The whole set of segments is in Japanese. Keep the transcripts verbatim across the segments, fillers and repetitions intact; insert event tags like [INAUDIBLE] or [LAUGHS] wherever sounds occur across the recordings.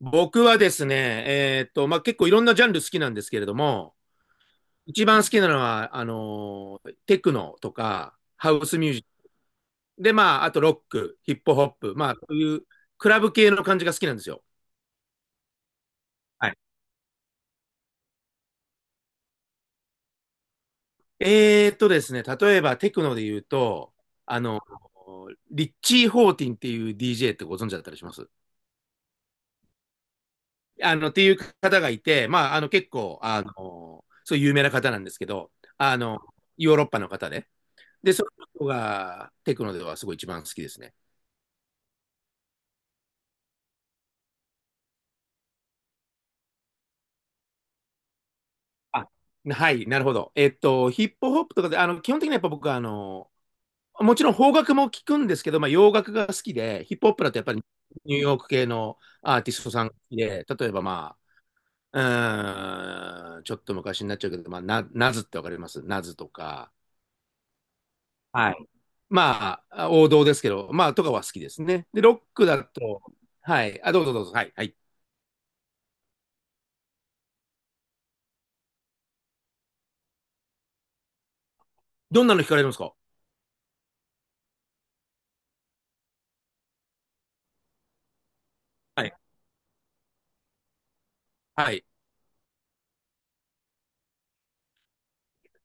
僕はですね、えーっと、まあ、結構いろんなジャンル好きなんですけれども、一番好きなのは、あのーテクノとか、ハウスミュージック、で、まあ、あとロック、ヒップホップ、まあ、そういうクラブ系の感じが好きなんですよ。はい。えーっとですね、例えばテクノで言うと、あのリッチー・ホーティンっていう ディージェー ってご存知だったりします？あの、っていう方がいて、まあ、あの、結構、あの、そういう有名な方なんですけど、あの、ヨーロッパの方で、で、その人がテクノではすごい一番好きですね。あ、はい、なるほど。えっと、ヒップホップとかで、あの、基本的にはやっぱ僕は、あの、もちろん邦楽も聞くんですけど、まあ、洋楽が好きで、ヒップホップだとやっぱりニューヨーク系のアーティストさんが好きで、例えばまあ、うーん、ちょっと昔になっちゃうけど、まあ、な、ナズってわかります？ナズとか、はい。まあ、王道ですけど、まあ、とかは好きですね。で、ロックだと、はい、あ、どうぞどうぞ、はい、はい。どんなの聞かれるんですか？はい。はい。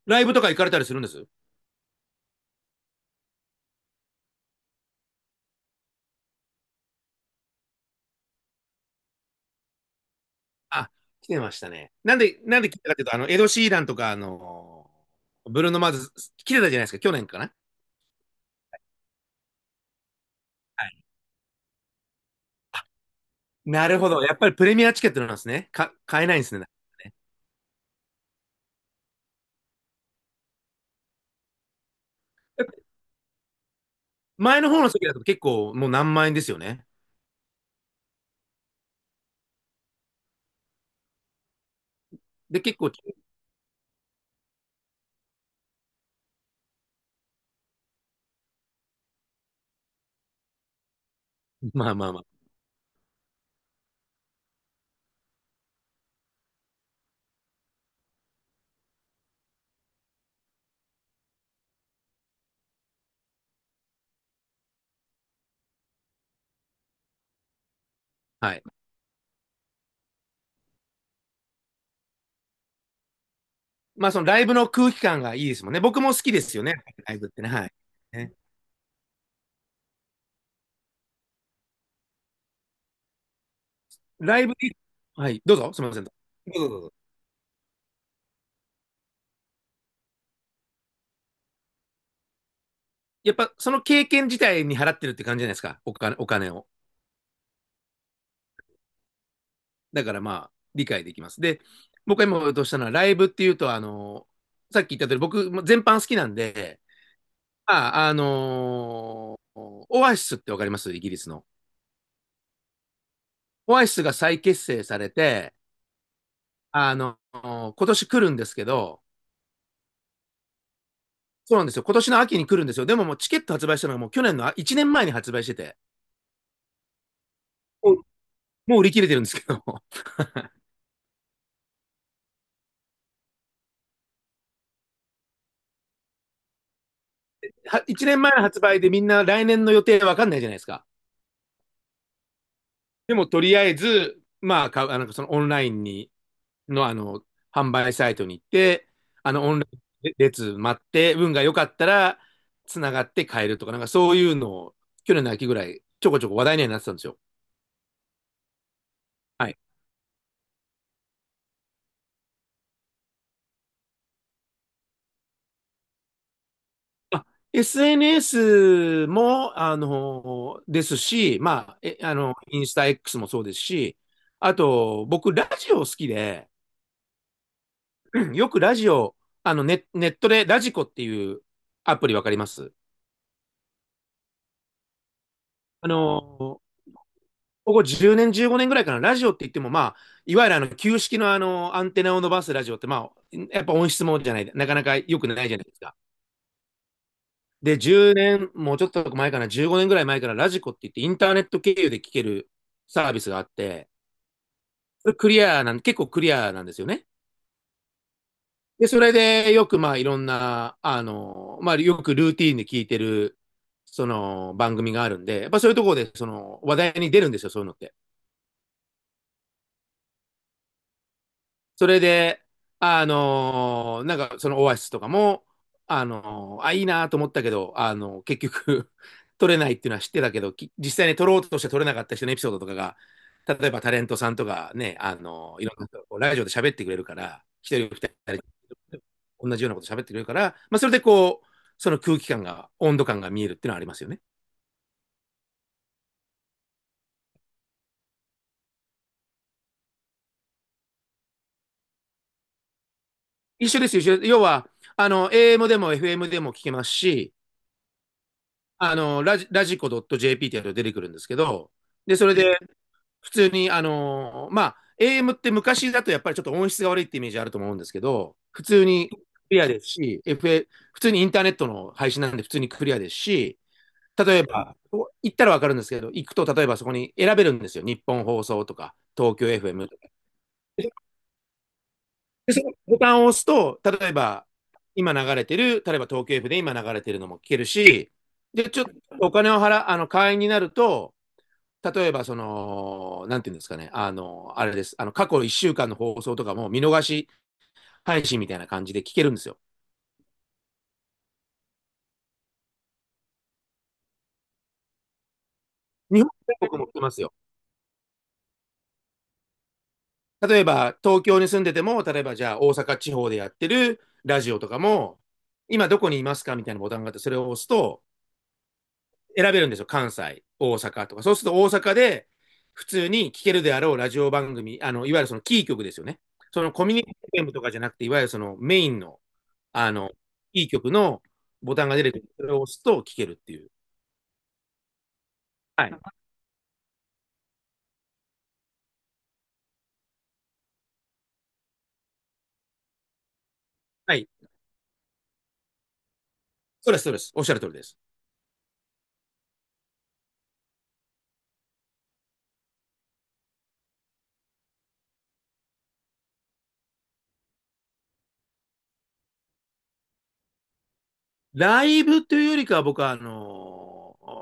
ライブとか行かれたりするんです？あ、来てましたね。なんで、なんで聞いたかっていうと、あの、エド・シーランとか、あのーブルーノ・マーズ、来てたじゃないですか、去年かな。はい、なるほど。やっぱりプレミアチケットなんですね。か、買えないんですね。前の方の席だと結構もう何万円ですよね。で、結構、[LAUGHS] まあまあまあ。はい。まあそのライブの空気感がいいですもんね。僕も好きですよね。ライブってね。はい。ね。ライブにはい。どうぞ。すみません。どうぞどうぞ。やっぱその経験自体に払ってるって感じじゃないですか。お金、お金を。だからまあ、理解できます。で、僕が今言おうとしたのは、ライブっていうと、あの、さっき言った通り、僕、全般好きなんで、まあ、あのーオアシスってわかります？イギリスの。オアシスが再結成されて、あのー、今年来るんですけど、そうなんですよ。今年の秋に来るんですよ。でももうチケット発売したのがもう去年のあいちねんまえに発売してて、もう売り切れてるんですけど [LAUGHS]、いちねんまえの発売でみんな来年の予定わかんないじゃないですか。でもとりあえず、まあ、あのそのオンラインにの、あの、販売サイトに行って、あの、オンラインで列待って、運が良かったら、つながって買えるとか、なんかそういうのを、去年の秋ぐらい、ちょこちょこ話題にはなってたんですよ。はい。あ、エスエヌエス も、あの、ですし、まあ、え、あの、インスタ、 X もそうですし、あと、僕、ラジオ好きで、[CLEARS THROAT] よくラジオ、あのネ、ネットでラジコっていうアプリわかります？あの、ここじゅうねん、じゅうごねんぐらいからラジオって言っても、まあ、いわゆるあの旧式のあのアンテナを伸ばすラジオって、まあ、やっぱ音質もじゃない、なかなか良くないじゃないですか。で、じゅうねん、もうちょっと前かな、じゅうごねんぐらい前からラジコって言って、インターネット経由で聞けるサービスがあって、それクリアなん、結構クリアなんですよね。で、それでよくまあいろんな、あの、まあよくルーティーンで聞いてる、その番組があるんで、やっぱそういうところでその話題に出るんですよ、そういうのって。それで、あのーなんかそのオアシスとかも、あのーあ、いいなと思ったけど、あのー結局 [LAUGHS] 取れないっていうのは知ってたけど、き実際に取ろうとして取れなかった人のエピソードとかが、例えばタレントさんとかね、あのーいろんな人がこうラジオで喋ってくれるから、一人二人、同じようなこと喋ってくれるから、まあ、それでこう、その空気感が、温度感が見えるっていうのはありますよね。一緒ですよ、一緒です。要は、あの、エーエム でも エフエム でも聞けますし、あの、ラジ、ラジコ ドットジェーピー ってやると出てくるんですけど、で、それで、普通に、あのーまあ、エーエム って昔だとやっぱりちょっと音質が悪いってイメージあると思うんですけど、普通にクリアですし、エフエー、普通にインターネットの配信なんで普通にクリアですし、例えば、行ったらわかるんですけど、行くと例えばそこに選べるんですよ。日本放送とか、東京 エフエム とか。で、そのボタンを押すと、例えば、今流れてる、例えば東京 F で今流れてるのも聞けるし、で、ちょっとお金を払、あの、会員になると、例えば、その、なんていうんですかね、あの、あれです、あの、過去いっしゅうかんの放送とかも見逃し配信みたいな感じで聞けるんですよ。日本全国も聞けますよ。例えば、東京に住んでても、例えばじゃあ大阪地方でやってるラジオとかも、今どこにいますか？みたいなボタンがあって、それを押すと、選べるんですよ。関西、大阪とか。そうすると大阪で普通に聴けるであろうラジオ番組、あの、いわゆるそのキー局ですよね。そのコミュニティームとかじゃなくて、いわゆるそのメインの、あの、キー局のボタンが出てくる。それを押すと聴けるっていう。はい。はい。そうです、そうです。おっしゃる通りです。ライブというよりかは僕は、あのー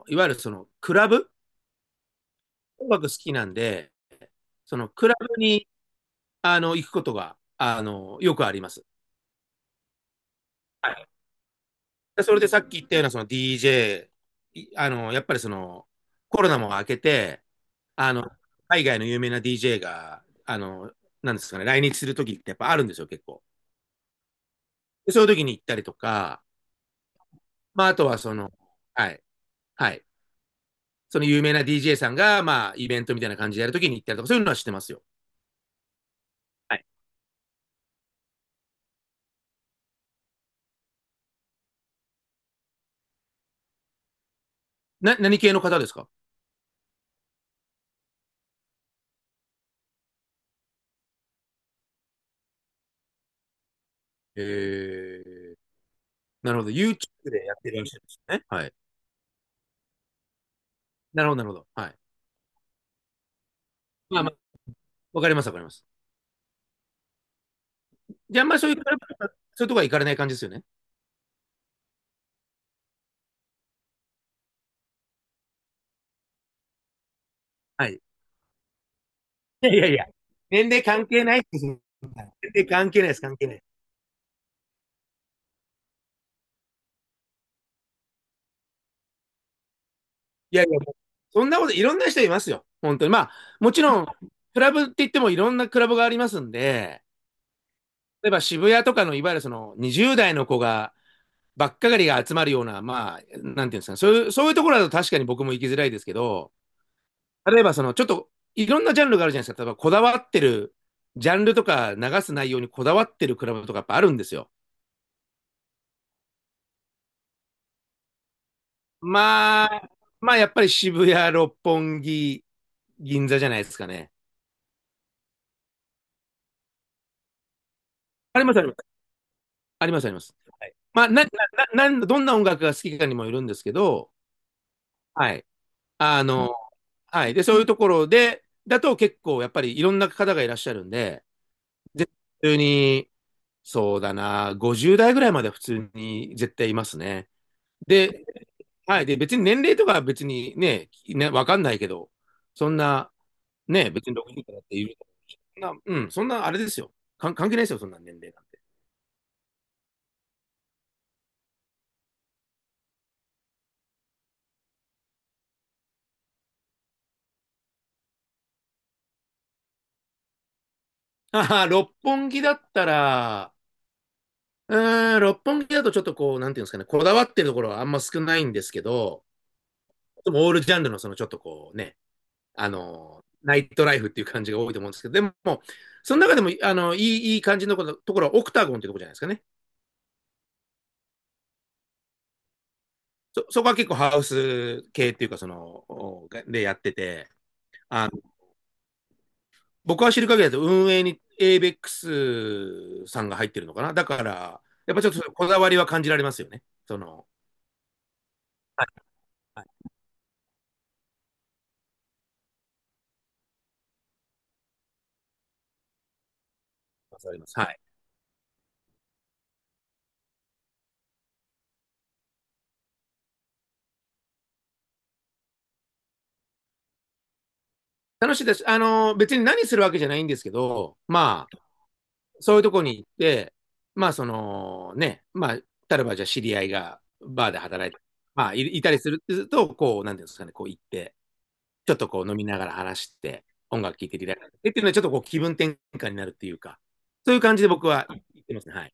いわゆるそのクラブ音楽好きなんで、そのクラブに、あの、行くことが、あのー、よくあります。はい。でそれでさっき言ったようなその ディージェー、あの、やっぱりそのコロナも明けて、あの、海外の有名な ディージェー が、あの、なんですかね、来日するときってやっぱあるんですよ、結構。でそういうときに行ったりとか、まあ、あとはその、はい、はい。その有名な ディージェー さんが、まあ、イベントみたいな感じでやるときに行ったりとか、そういうのは知ってますよ。はい。な、何系の方ですか？えー、なるほど。YouTube でやってるらっしゃですね。はい。なるほど、なるほど。はい。まあまあ、わかります、わかります。じゃあ、あんまりそういうとか、そういうとこは行かれない感じですよね。はい。いやいやいや、年齢関係ないです。年齢関係ないです、関係ない。いやいや、そんなこと、いろんな人いますよ。本当に。まあ、もちろん、クラブって言ってもいろんなクラブがありますんで、例えば渋谷とかの、いわゆるそのにじゅう代の子が、ばっかがりが集まるような、まあ、なんていうんですかね、そういう、そういうところだと確かに僕も行きづらいですけど、例えばその、ちょっと、いろんなジャンルがあるじゃないですか。例えば、こだわってる、ジャンルとか流す内容にこだわってるクラブとかやっぱあるんですよ。まあ、まあ、やっぱり渋谷、六本木、銀座じゃないですかね。あります、あります。あります、あります。はい、まあ、な、な、な、どんな音楽が好きかにもよるんですけど、はい。あの、はい。で、そういうところで、だと結構、やっぱりいろんな方がいらっしゃるんで、絶対に、そうだな、ごじゅう代ぐらいまで普通に絶対いますね。で、はい。で、別に年齢とかは別にね、ね、わかんないけど、そんな、ね、別にろくじゅう代だっていな、うん、そんなあれですよ。か関係ないですよ、そんな年齢なんて。あはは六本木だったら、うーん、六本木だとちょっとこう、なんていうんですかね、こだわってるところはあんま少ないんですけど、でもオールジャンルのそのちょっとこうね、あの、ナイトライフっていう感じが多いと思うんですけど、でも、その中でも、あの、いい、いい感じのことところはオクタゴンっていうところじゃないですかね。そ、そこは結構ハウス系っていうか、その、おがでやってて、あ僕は知る限りだと運営に エイベックス さんが入ってるのかな。だから、やっぱちょっとこだわりは感じられますよね。その、はい、わかります。はい。楽しいです。あの、別に何するわけじゃないんですけど、まあ、そういうとこに行って、まあ、その、ね、まあ、例えばじゃあ知り合いがバーで働いて、まあ、いいたりすると、こう、なんていうんですかね、こう行って、ちょっとこう飲みながら話して、音楽聴いてリラックスしてっていうのは、ちょっとこう気分転換になるっていうか、そういう感じで僕は行ってますね。はい。